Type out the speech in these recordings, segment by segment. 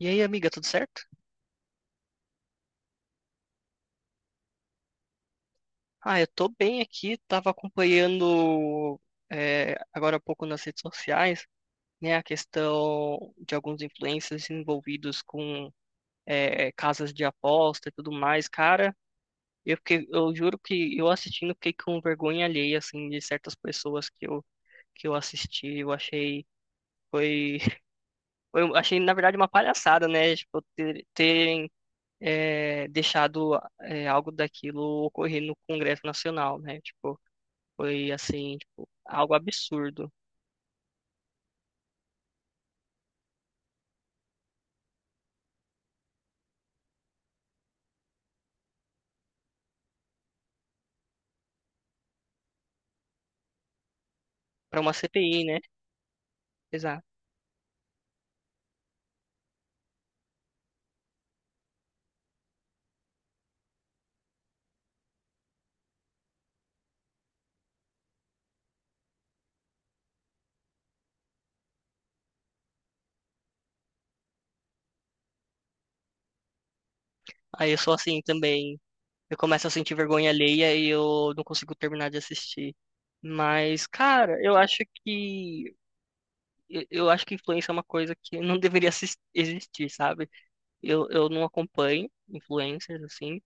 E aí, amiga, tudo certo? Ah, eu tô bem aqui, tava acompanhando agora há pouco nas redes sociais, né, a questão de alguns influencers envolvidos com casas de aposta e tudo mais. Cara, eu juro que eu assistindo fiquei com vergonha alheia, assim, de certas pessoas que eu assisti, eu achei, foi, eu achei, na verdade, uma palhaçada, né, tipo, terem deixado algo daquilo ocorrer no Congresso Nacional, né, tipo, foi assim, tipo, algo absurdo pra uma CPI, né? Exato. Aí eu sou assim também. Eu começo a sentir vergonha alheia e eu não consigo terminar de assistir. Mas, cara, eu acho que eu acho que influência é uma coisa que não deveria existir, sabe? Eu não acompanho influencers assim,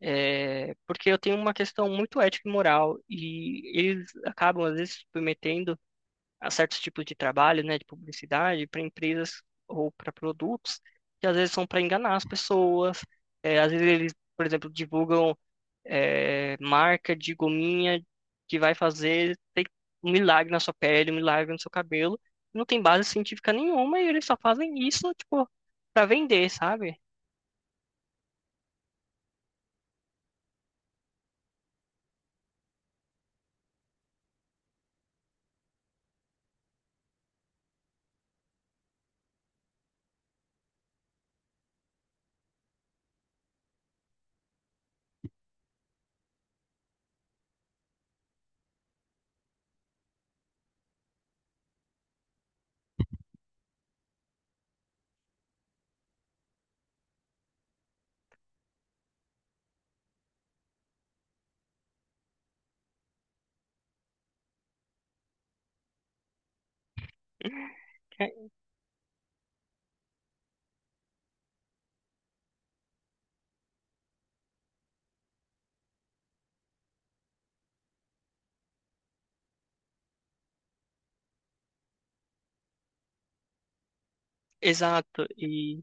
porque eu tenho uma questão muito ética e moral e eles acabam às vezes se submetendo a certos tipos de trabalho, né, de publicidade, para empresas ou para produtos, que às vezes são para enganar as pessoas. É, às vezes eles, por exemplo, divulgam marca de gominha que vai fazer tem um milagre na sua pele, um milagre no seu cabelo. Não tem base científica nenhuma e eles só fazem isso, tipo, para vender, sabe? É, exato. E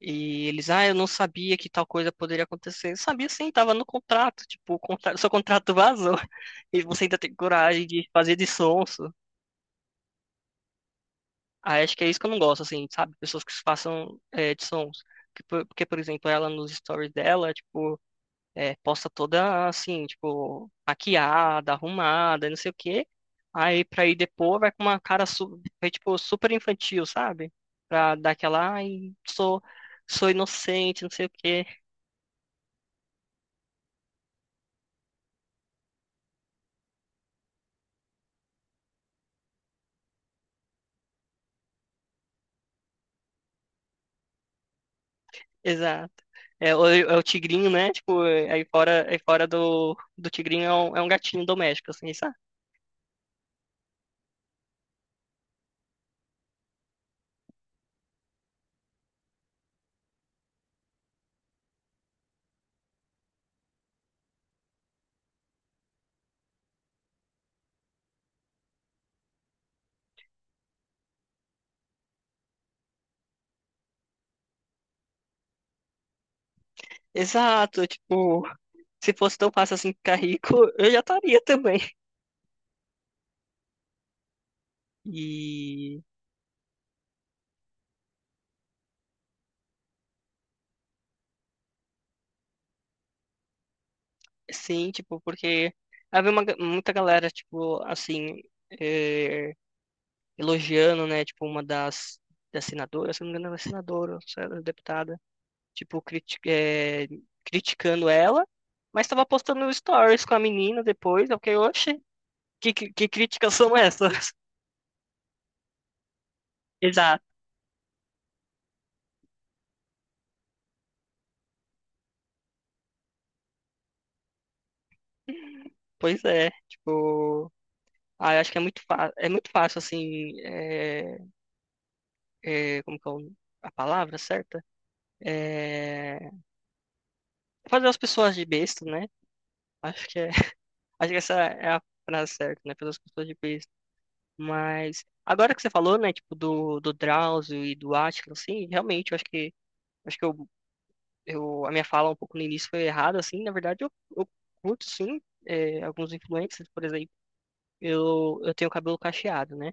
e eles, ah, eu não sabia que tal coisa poderia acontecer. Eu sabia sim, tava no contrato. Tipo, o contrato, seu contrato vazou. E você ainda tem coragem de fazer de sonso. Ah, acho que é isso que eu não gosto, assim, sabe? Pessoas que se façam de sons. Porque, por exemplo, ela nos stories dela, tipo, posta toda assim, tipo, maquiada, arrumada, não sei o quê. Aí pra ir depois vai com uma cara, su vai, tipo, super infantil, sabe? Pra dar aquela, ai, sou, sou inocente, não sei o quê. Exato. É, é o tigrinho, né? Tipo, aí fora do tigrinho é um gatinho doméstico, assim, sabe? Exato. Tipo, se fosse tão fácil assim ficar rico, eu já estaria também. E sim, tipo, porque havia uma, muita galera, tipo, assim, eh, elogiando, né? Tipo, uma das, das senadoras, se não me engano, ela é senadora, ou se ela é deputada. Tipo, criticando ela, mas tava postando stories com a menina depois. Eu fiquei, oxe, que críticas são essas? Exato, pois é, tipo, ah, eu acho que é muito, é muito fácil, assim, é, é, como que é a palavra certa? É, fazer as pessoas de besta, né? Acho que é, acho que essa é a frase certa, né? Fazer as pessoas de besta. Mas, agora que você falou, né, tipo, do, do Drauzio e do Átila, assim, realmente, eu acho que. Acho que eu a minha fala um pouco no início foi errada, assim, na verdade eu curto, sim, é, alguns influencers, por exemplo, eu tenho cabelo cacheado, né?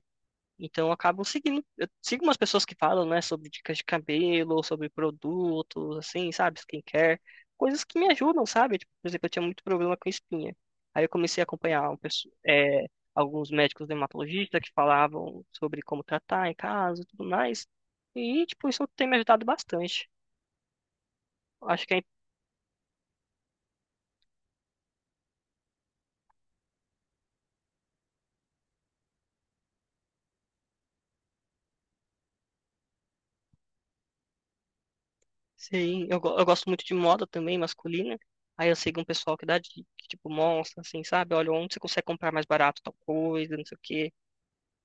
Então eu acabo seguindo, eu sigo umas pessoas que falam, né, sobre dicas de cabelo, sobre produtos, assim, sabe, skincare, coisas que me ajudam, sabe? Tipo, por exemplo, eu tinha muito problema com espinha. Aí eu comecei a acompanhar alguns médicos dermatologistas que falavam sobre como tratar em casa e tudo mais. E, tipo, isso tem me ajudado bastante. Acho que é sim, eu, eu gosto muito de moda também, masculina. Aí eu sigo um pessoal que dá dica, que, tipo, mostra, assim, sabe? Olha, onde você consegue comprar mais barato tal coisa, não sei o quê.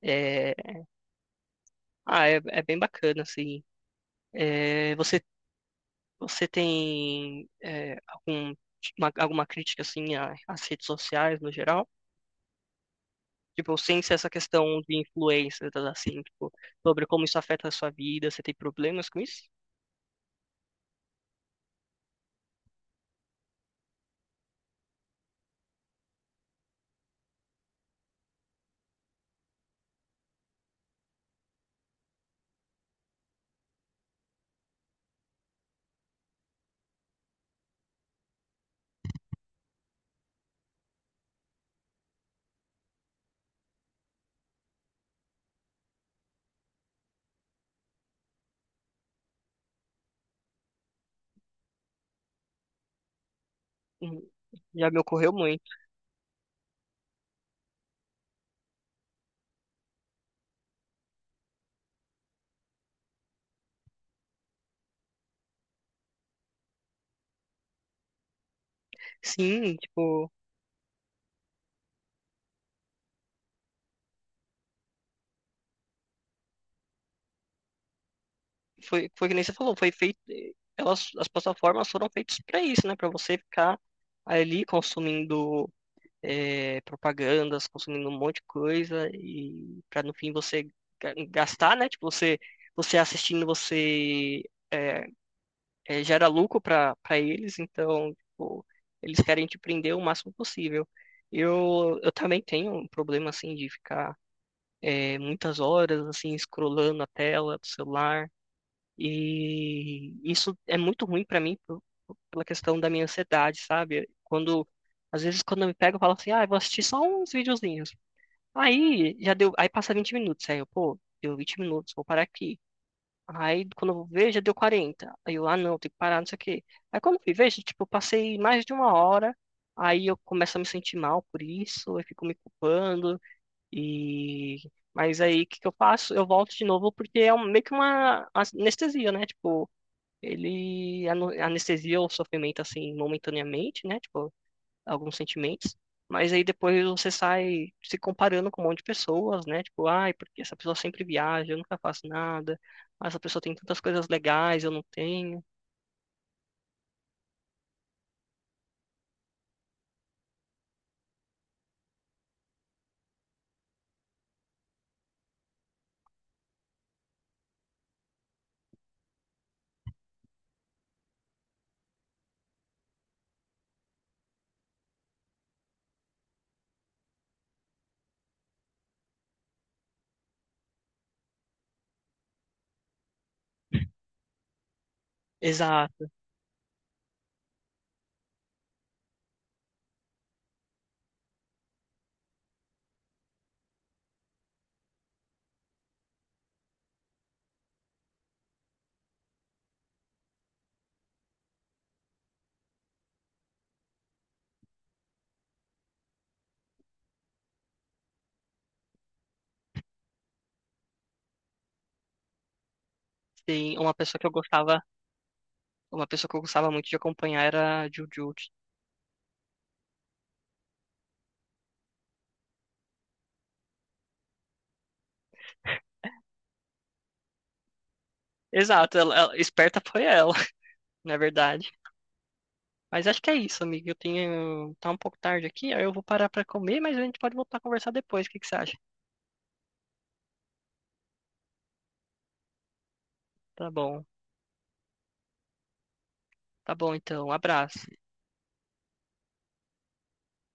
É... Ah, é, é bem bacana, assim. É, você, você tem algum, alguma crítica, assim, às redes sociais no geral? Tipo, sem ser essa questão de influências, assim, tipo, sobre como isso afeta a sua vida, você tem problemas com isso? Hum, já me ocorreu muito. Sim, tipo. Foi, foi que nem você falou, foi feito. Elas, as plataformas foram feitas para isso, né? Para você ficar ali consumindo propagandas, consumindo um monte de coisa e para no fim você gastar, né? Tipo, você, você assistindo, você é, gera lucro para eles, então, tipo, eles querem te prender o máximo possível. Eu também tenho um problema, assim, de ficar muitas horas, assim, scrollando a tela do celular. E isso é muito ruim pra mim pela questão da minha ansiedade, sabe? Quando, às vezes, quando eu me pego, eu falo assim, ah, eu vou assistir só uns videozinhos. Aí, já deu, aí passa 20 minutos, aí eu, pô, deu 20 minutos, vou parar aqui. Aí, quando eu vou ver, já deu 40. Aí eu, ah, não, tem que parar, não sei o quê. Aí, quando eu fui ver, já, tipo, eu passei mais de uma hora, aí eu começo a me sentir mal por isso, eu fico me culpando, e... Mas aí, o que que eu faço? Eu volto de novo, porque é meio que uma anestesia, né? Tipo, ele anestesia o sofrimento assim momentaneamente, né? Tipo, alguns sentimentos. Mas aí depois você sai se comparando com um monte de pessoas, né? Tipo, ai, porque essa pessoa sempre viaja, eu nunca faço nada. Ah, essa pessoa tem tantas coisas legais, eu não tenho. Exato. Tem uma pessoa que eu gostava, uma pessoa que eu gostava muito de acompanhar era a Jujutsu. Exato, ela- esperta foi ela, na verdade. Mas acho que é isso, amigo. Eu tenho, tá um pouco tarde aqui, aí eu vou parar pra comer, mas a gente pode voltar a conversar depois. O que que você acha? Tá bom. Tá bom, então. Um abraço.